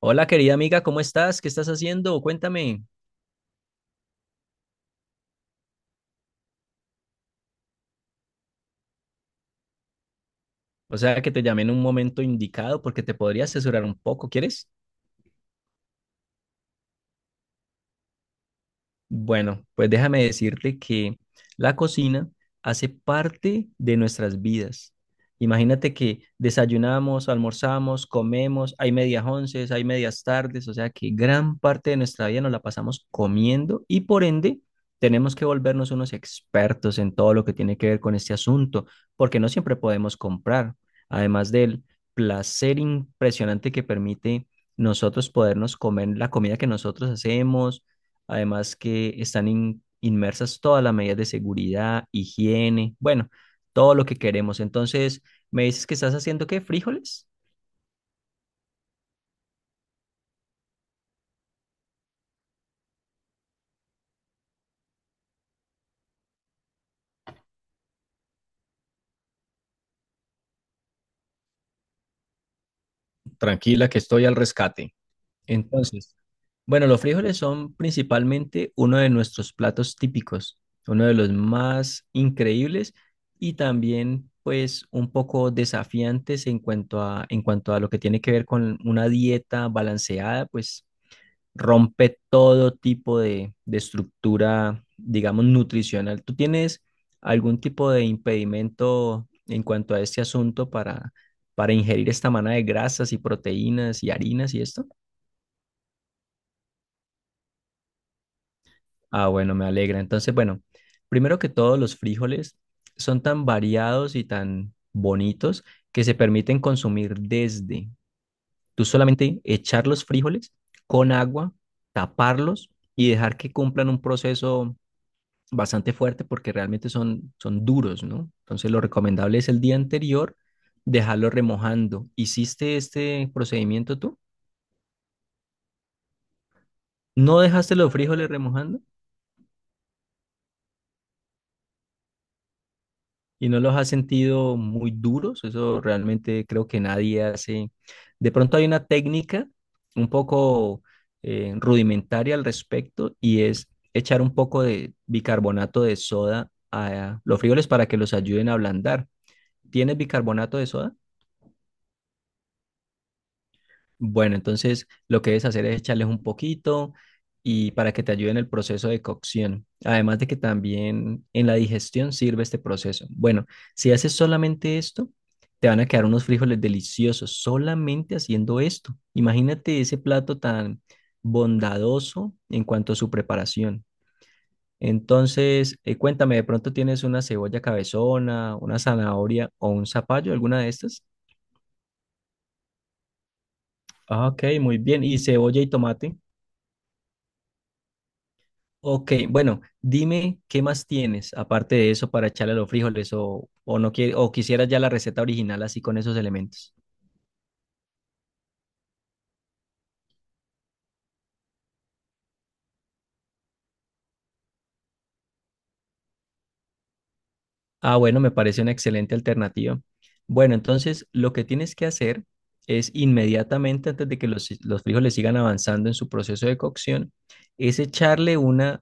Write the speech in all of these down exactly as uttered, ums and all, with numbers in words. Hola querida amiga, ¿cómo estás? ¿Qué estás haciendo? Cuéntame. O sea, que te llamé en un momento indicado porque te podría asesorar un poco, ¿quieres? Bueno, pues déjame decirte que la cocina hace parte de nuestras vidas. Imagínate que desayunamos, almorzamos, comemos, hay medias onces, hay medias tardes, o sea que gran parte de nuestra vida nos la pasamos comiendo y por ende tenemos que volvernos unos expertos en todo lo que tiene que ver con este asunto, porque no siempre podemos comprar, además del placer impresionante que permite nosotros podernos comer la comida que nosotros hacemos. Además que están in- inmersas todas las medidas de seguridad, higiene, bueno, todo lo que queremos. Entonces, ¿me dices que estás haciendo qué? ¿Frijoles? Tranquila, que estoy al rescate. Entonces, bueno, los frijoles son principalmente uno de nuestros platos típicos, uno de los más increíbles y también pues un poco desafiantes en cuanto a, en cuanto a lo que tiene que ver con una dieta balanceada, pues rompe todo tipo de, de estructura, digamos, nutricional. ¿Tú tienes algún tipo de impedimento en cuanto a este asunto para, para ingerir esta manada de grasas y proteínas y harinas y esto? Ah, bueno, me alegra. Entonces, bueno, primero que todo, los frijoles son tan variados y tan bonitos que se permiten consumir desde tú solamente echar los frijoles con agua, taparlos y dejar que cumplan un proceso bastante fuerte porque realmente son, son duros, ¿no? Entonces lo recomendable es el día anterior dejarlo remojando. ¿Hiciste este procedimiento tú? ¿No dejaste los frijoles remojando? ¿Y no los has sentido muy duros? Eso realmente creo que nadie hace. De pronto hay una técnica un poco eh, rudimentaria al respecto y es echar un poco de bicarbonato de soda a los frijoles para que los ayuden a ablandar. ¿Tienes bicarbonato de soda? Bueno, entonces lo que debes hacer es echarles un poquito y para que te ayude en el proceso de cocción. Además de que también en la digestión sirve este proceso. Bueno, si haces solamente esto, te van a quedar unos frijoles deliciosos solamente haciendo esto. Imagínate ese plato tan bondadoso en cuanto a su preparación. Entonces, eh, cuéntame, ¿de pronto tienes una cebolla cabezona, una zanahoria o un zapallo, alguna de estas? Ah, ok, muy bien. ¿Y cebolla y tomate? Ok, bueno, dime qué más tienes aparte de eso para echarle a los frijoles o, o no quiere o quisieras ya la receta original así con esos elementos. Ah, bueno, me parece una excelente alternativa. Bueno, entonces lo que tienes que hacer es inmediatamente antes de que los, los frijoles sigan avanzando en su proceso de cocción, es echarle una.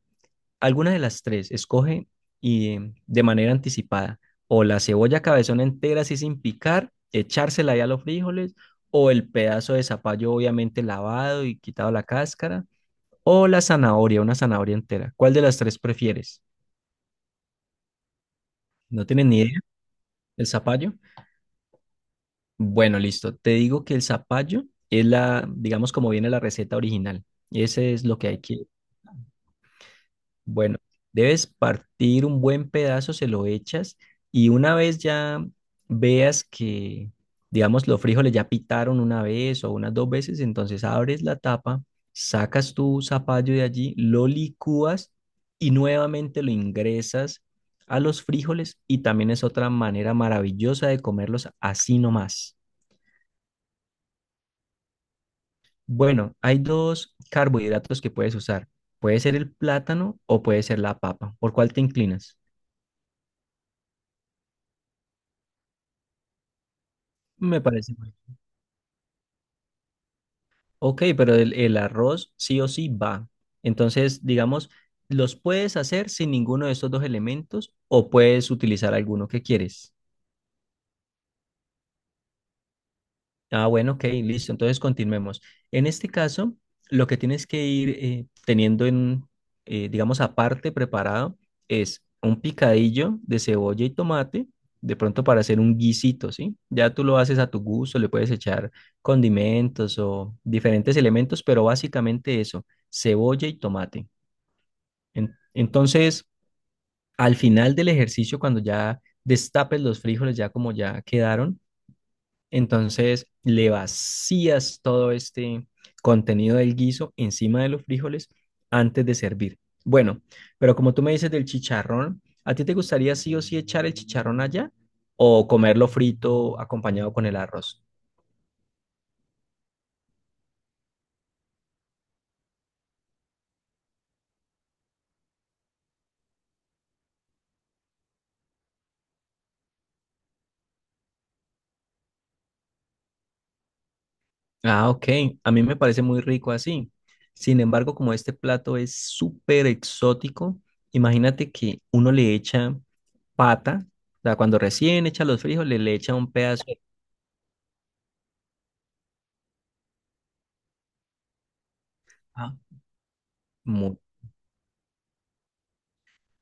Alguna de las tres, escoge y em, de manera anticipada, o la cebolla cabezona entera así sin picar, echársela ahí a los frijoles, o el pedazo de zapallo obviamente lavado y quitado la cáscara, o la zanahoria, una zanahoria entera. ¿Cuál de las tres prefieres? ¿No tienes ni idea? ¿El zapallo? Bueno, listo. Te digo que el zapallo es la, digamos, como viene la receta original. Ese es lo que hay que. Bueno, debes partir un buen pedazo, se lo echas y una vez ya veas que, digamos, los frijoles ya pitaron una vez o unas dos veces, entonces abres la tapa, sacas tu zapallo de allí, lo licúas y nuevamente lo ingresas a los frijoles y también es otra manera maravillosa de comerlos así nomás. Bueno, hay dos carbohidratos que puedes usar. Puede ser el plátano o puede ser la papa. ¿Por cuál te inclinas? Me parece. Ok, pero el, el arroz sí o sí va. Entonces, digamos, los puedes hacer sin ninguno de estos dos elementos o puedes utilizar alguno que quieres. Ah, bueno, ok, listo. Entonces continuemos. En este caso, lo que tienes que ir eh, teniendo en, eh, digamos, aparte preparado es un picadillo de cebolla y tomate, de pronto para hacer un guisito, ¿sí? Ya tú lo haces a tu gusto, le puedes echar condimentos o diferentes elementos, pero básicamente eso, cebolla y tomate. En- entonces, al final del ejercicio, cuando ya destapes los frijoles, ya como ya quedaron, entonces le vacías todo este contenido del guiso encima de los frijoles antes de servir. Bueno, pero como tú me dices del chicharrón, ¿a ti te gustaría sí o sí echar el chicharrón allá o comerlo frito acompañado con el arroz? Ah, ok. A mí me parece muy rico así. Sin embargo, como este plato es súper exótico, imagínate que uno le echa pata, o sea, cuando recién echa los frijoles, le echa un pedazo de pata.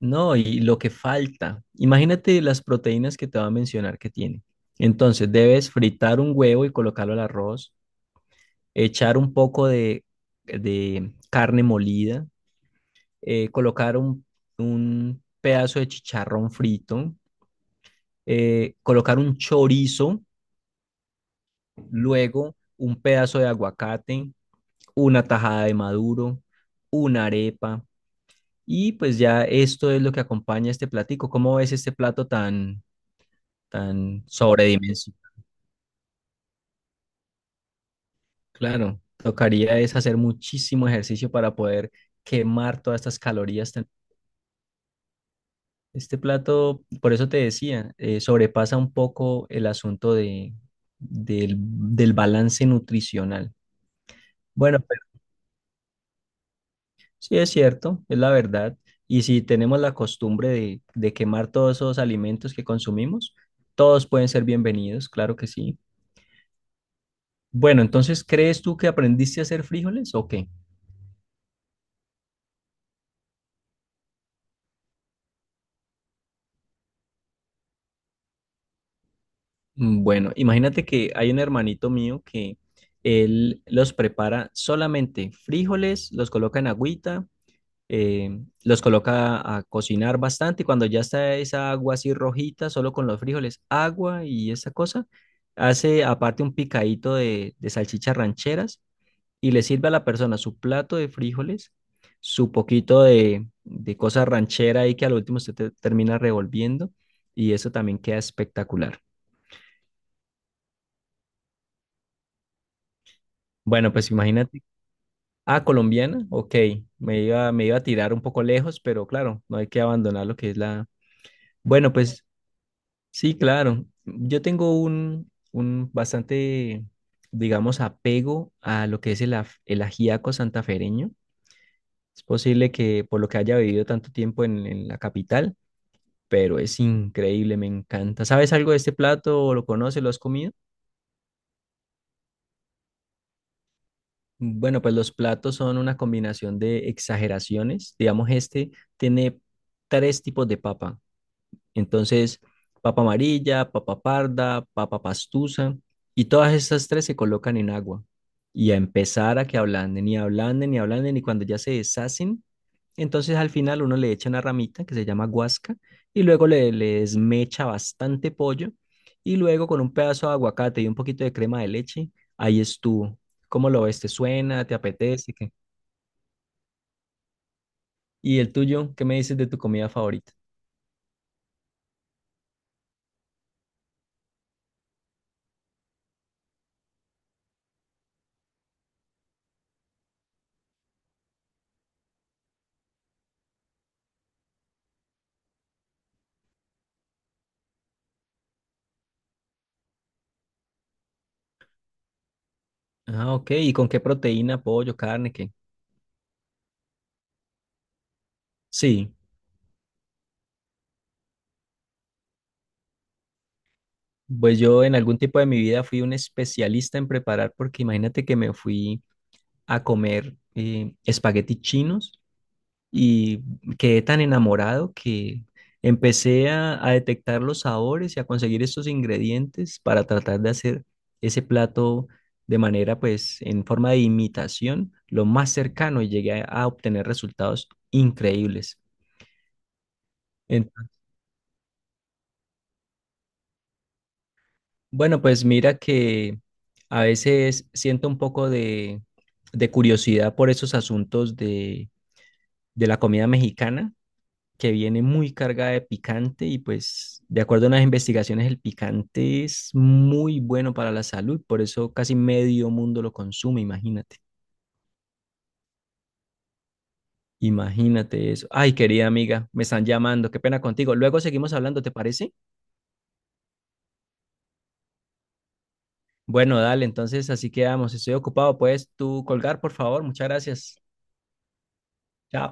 No, y lo que falta. Imagínate las proteínas que te voy a mencionar que tiene. Entonces, debes fritar un huevo y colocarlo al arroz, echar un poco de, de carne molida, eh, colocar un, un pedazo de chicharrón frito, eh, colocar un chorizo, luego un pedazo de aguacate, una tajada de maduro, una arepa. Y pues ya esto es lo que acompaña este platico. ¿Cómo ves este plato tan tan sobredimensionado? Claro, tocaría es hacer muchísimo ejercicio para poder quemar todas estas calorías. tan- Este plato, por eso te decía, eh, sobrepasa un poco el asunto de, del, del balance nutricional. Bueno, pero sí es cierto, es la verdad. Y si tenemos la costumbre de, de quemar todos esos alimentos que consumimos, todos pueden ser bienvenidos, claro que sí. Bueno, entonces, ¿crees tú que aprendiste a hacer frijoles o qué? Mm, bueno, imagínate que hay un hermanito mío que él los prepara solamente frijoles, los coloca en agüita, eh, los coloca a cocinar bastante y cuando ya está esa agua así rojita, solo con los frijoles, agua y esa cosa, hace aparte un picadito de, de salchichas rancheras y le sirve a la persona su plato de frijoles, su poquito de, de cosa ranchera ahí que al último se te- termina revolviendo y eso también queda espectacular. Bueno, pues imagínate. Ah, colombiana, ok. Me iba, me iba a tirar un poco lejos, pero claro, no hay que abandonar lo que es la... Bueno, pues sí, claro. Yo tengo un, un bastante, digamos, apego a lo que es el, af- el ajiaco santafereño. Es posible que por lo que haya vivido tanto tiempo en, en la capital, pero es increíble, me encanta. ¿Sabes algo de este plato? ¿O lo conoces? ¿Lo has comido? Bueno, pues los platos son una combinación de exageraciones. Digamos, este tiene tres tipos de papa. Entonces, papa amarilla, papa parda, papa pastusa, y todas estas tres se colocan en agua y a empezar a que ablanden y ablanden y ablanden y cuando ya se deshacen, entonces al final uno le echa una ramita que se llama guasca y luego le, le desmecha bastante pollo y luego con un pedazo de aguacate y un poquito de crema de leche, ahí estuvo. ¿Cómo lo ves? ¿Te suena? ¿Te apetece? ¿Qué? ¿Y el tuyo? ¿Qué me dices de tu comida favorita? Ah, ok. ¿Y con qué proteína? ¿Pollo? ¿Carne? ¿Qué? Sí. Pues yo en algún tiempo de mi vida fui un especialista en preparar porque imagínate que me fui a comer eh, espaguetis chinos y quedé tan enamorado que empecé a, a detectar los sabores y a conseguir estos ingredientes para tratar de hacer ese plato de manera pues en forma de imitación lo más cercano y llegué a a obtener resultados increíbles. Bueno, pues mira que a veces siento un poco de, de curiosidad por esos asuntos de, de la comida mexicana, que viene muy cargada de picante y pues de acuerdo a las investigaciones el picante es muy bueno para la salud, por eso casi medio mundo lo consume, imagínate, imagínate eso. Ay, querida amiga, me están llamando, qué pena contigo. Luego seguimos hablando, ¿te parece? Bueno, dale, entonces así quedamos. Estoy ocupado, puedes tú colgar, por favor. Muchas gracias. Chao.